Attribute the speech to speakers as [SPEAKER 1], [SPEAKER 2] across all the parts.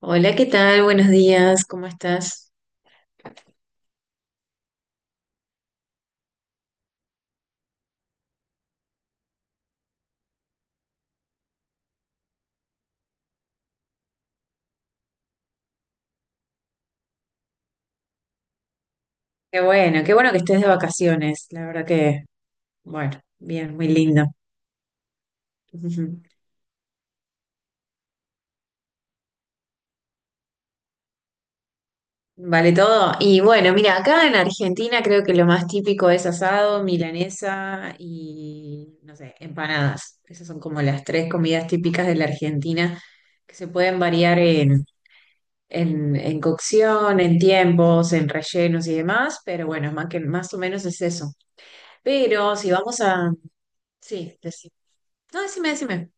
[SPEAKER 1] Hola, ¿qué tal? Buenos días, ¿cómo estás? Qué bueno que estés de vacaciones, la verdad que, bueno, bien, muy lindo. Ujú. Vale todo. Y bueno, mira, acá en Argentina creo que lo más típico es asado, milanesa y, no sé, empanadas. Esas son como las tres comidas típicas de la Argentina que se pueden variar en cocción, en tiempos, en rellenos y demás, pero bueno, más que, más o menos es eso. Pero si vamos a... Sí, no, decime, decime.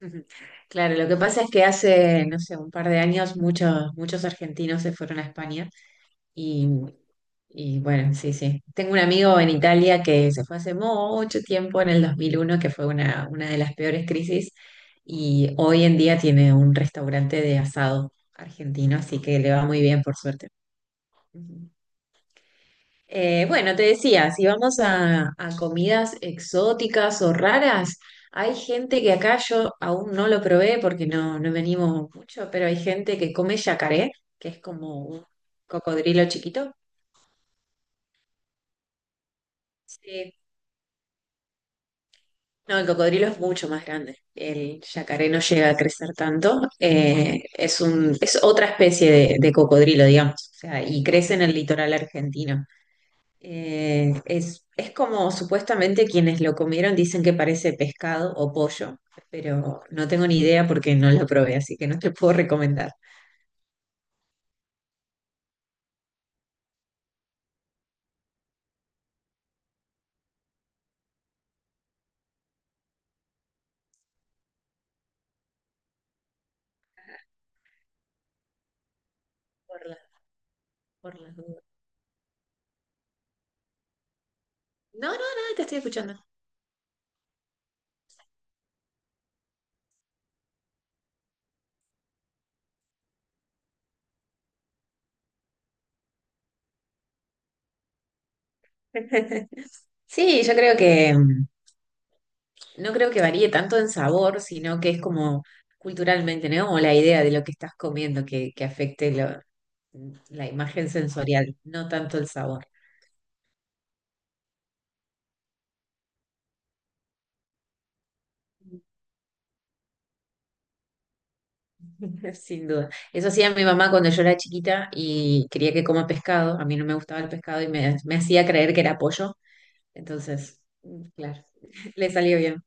[SPEAKER 1] Ujú. Claro, lo que pasa es que hace, no sé, un par de años muchos, muchos argentinos se fueron a España y, y bueno, sí, sí. Tengo un amigo en Italia que se fue hace mucho tiempo, en el 2001, que fue una de las peores crisis, y hoy en día tiene un restaurante de asado argentino, así que le va muy bien, por suerte. Ujú. Bueno, te decía, si vamos a comidas exóticas o raras, hay gente que acá yo aún no lo probé porque no, no me animo mucho, pero hay gente que come yacaré, que es como un cocodrilo chiquito. Sí. No, el cocodrilo es mucho más grande. El yacaré no llega a crecer tanto. Es un, es otra especie de cocodrilo, digamos. O sea, y crece en el litoral argentino. Es como supuestamente quienes lo comieron dicen que parece pescado o pollo, pero no tengo ni idea porque no lo probé, así que no te puedo recomendar. Por la- por las dudas. No, no, no, te estoy escuchando. Sí, yo creo que no creo que varíe tanto en sabor, sino que es como culturalmente, ¿no? Como la idea de lo que estás comiendo que afecte la imagen sensorial, no tanto el sabor. Sin duda. Eso hacía mi mamá cuando yo era chiquita y quería que coma pescado. A mí no me gustaba el pescado y me hacía creer que era pollo. Entonces, mm, claro, le salió bien.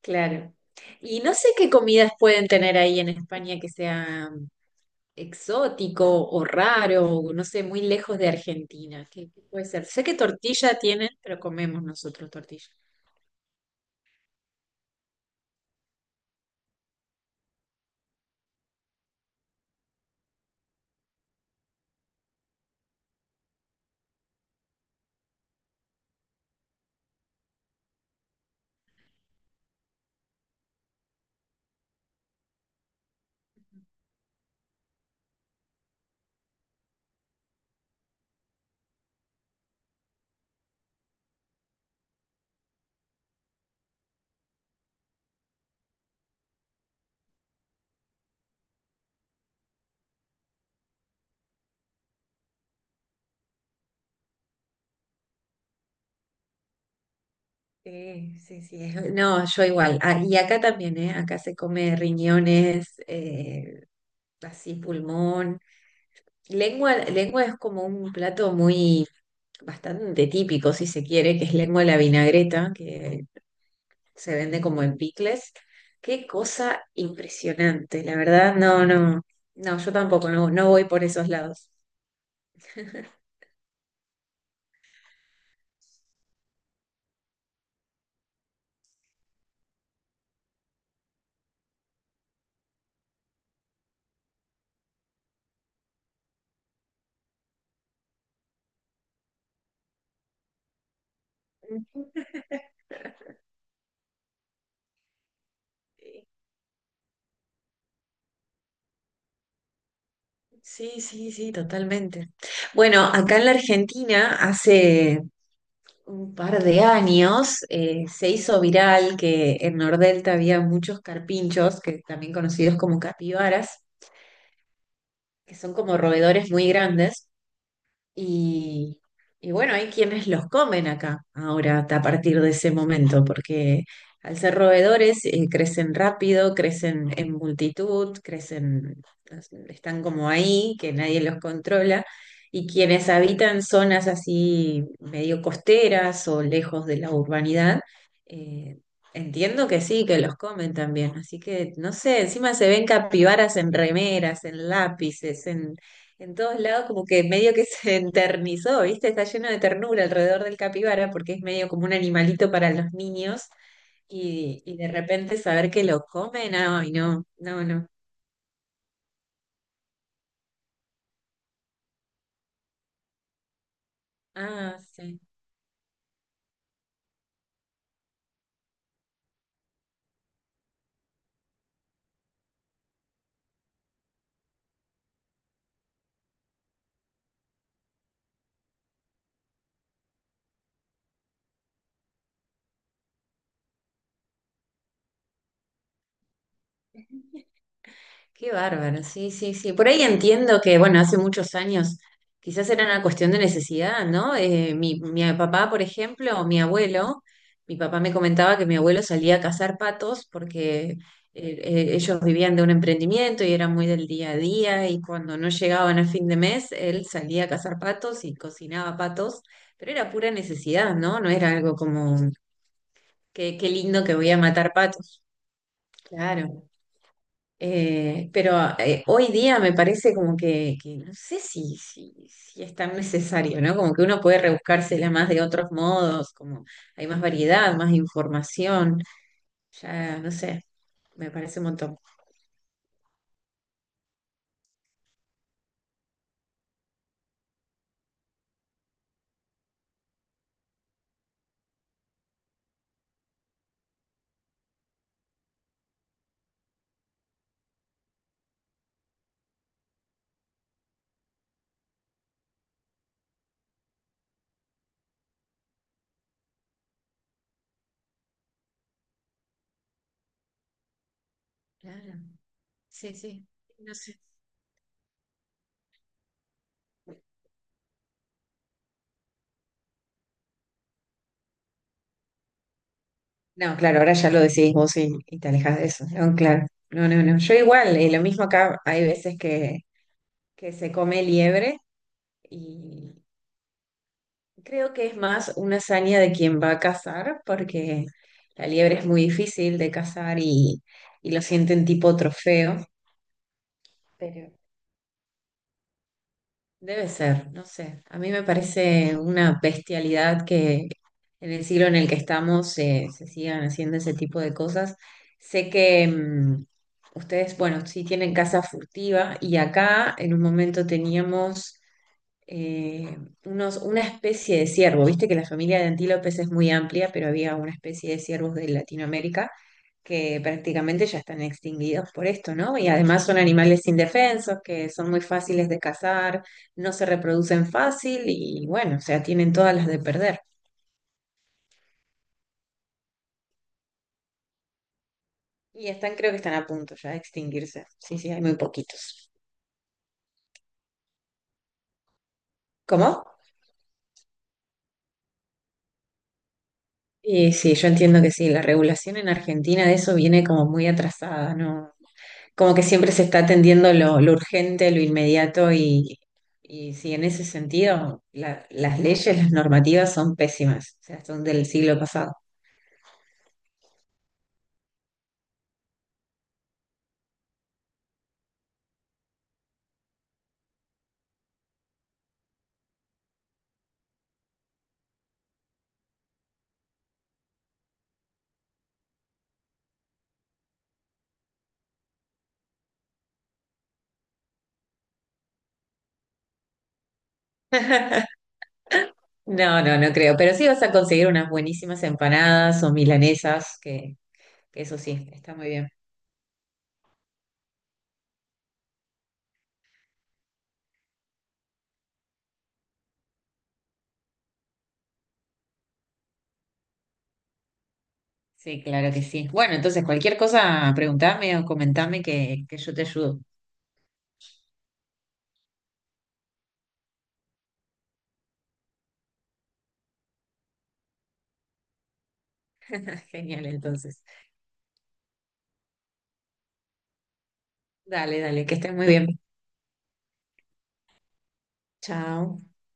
[SPEAKER 1] Claro. Y no sé qué comidas pueden tener ahí en España que sea exótico o raro, o no sé, muy lejos de Argentina. ¿Qué, qué puede ser? Sé que tortilla tienen, pero comemos nosotros tortilla. Sí, sí, sí. No, yo igual. Ah, y acá también, ¿eh? Acá se come riñones, así pulmón. Lengua, lengua es como un plato muy, bastante típico, si se quiere, que es lengua de la vinagreta, que se vende como en picles. Qué cosa impresionante, la verdad, no, no, no, yo tampoco, no, no voy por esos lados. Sí, sí, sí, totalmente. Bueno, acá en la Argentina hace un par de años se hizo viral que en Nordelta había muchos carpinchos, que también conocidos como capibaras, que son como roedores muy grandes y, y bueno, hay quienes los comen acá ahora a partir de ese momento, porque al ser roedores crecen rápido, crecen en multitud, crecen, están como ahí, que nadie los controla. Y quienes habitan zonas así medio costeras o lejos de la urbanidad, eh, entiendo que sí, que los comen también, así que no sé, encima se ven capibaras en remeras, en lápices, en todos lados como que medio que se enternizó, ¿viste? Está lleno de ternura alrededor del capibara porque es medio como un animalito para los niños y de repente saber que lo comen, ay, no, no, no. Ah, sí. Qué bárbaro, sí, sí, sí. Por ahí entiendo que, bueno, hace muchos años quizás era una cuestión de necesidad, ¿no? Mi papá, por ejemplo, o mi abuelo, mi papá me comentaba que mi abuelo salía a cazar patos porque ellos vivían de un emprendimiento y eran muy del día a día y cuando no llegaban a fin de mes, él salía a cazar patos y cocinaba patos, pero era pura necesidad, ¿no? No era algo como, qué, qué lindo que voy a matar patos. Claro. Pero hoy día me parece como que no sé si, si, si es tan necesario, ¿no? Como que uno puede rebuscársela más de otros modos, como hay más variedad, más información, ya no sé, me parece un montón. Claro, sí, sí, no sé. No, claro, ahora ya lo decís vos y te alejas de eso, ¿no? Claro, no, no, no. Yo igual, lo mismo acá, hay veces que se come liebre. Creo que es más una hazaña de quien va a cazar, porque la liebre es muy difícil de cazar y lo sienten tipo trofeo, pero debe ser, no sé. A mí me parece una bestialidad que en el siglo en el que estamos se sigan haciendo ese tipo de cosas. Sé que ustedes, bueno, sí tienen casa furtiva y acá en un momento teníamos eh, una especie de ciervo. Viste que la familia de antílopes es muy amplia, pero había una especie de ciervos de Latinoamérica que prácticamente ya están extinguidos por esto, ¿no? Y además son animales indefensos, que son muy fáciles de cazar, no se reproducen fácil y bueno, o sea, tienen todas las de perder. Y están, creo que están a punto ya de extinguirse. Sí, sí, hay muy poquitos. ¿Cómo? Y sí, yo entiendo que sí, la regulación en Argentina de eso viene como muy atrasada, ¿no? Como que siempre se está atendiendo lo urgente, lo inmediato y sí, en ese sentido las leyes, las normativas son pésimas, o sea, son del siglo pasado. No, no, no creo, pero sí vas a conseguir unas buenísimas empanadas o milanesas, que eso sí, está muy bien. Sí, claro que sí. Bueno, entonces cualquier cosa, preguntame o comentame que yo te ayudo. Genial, entonces. Dale, dale, que estés muy bien. Chao.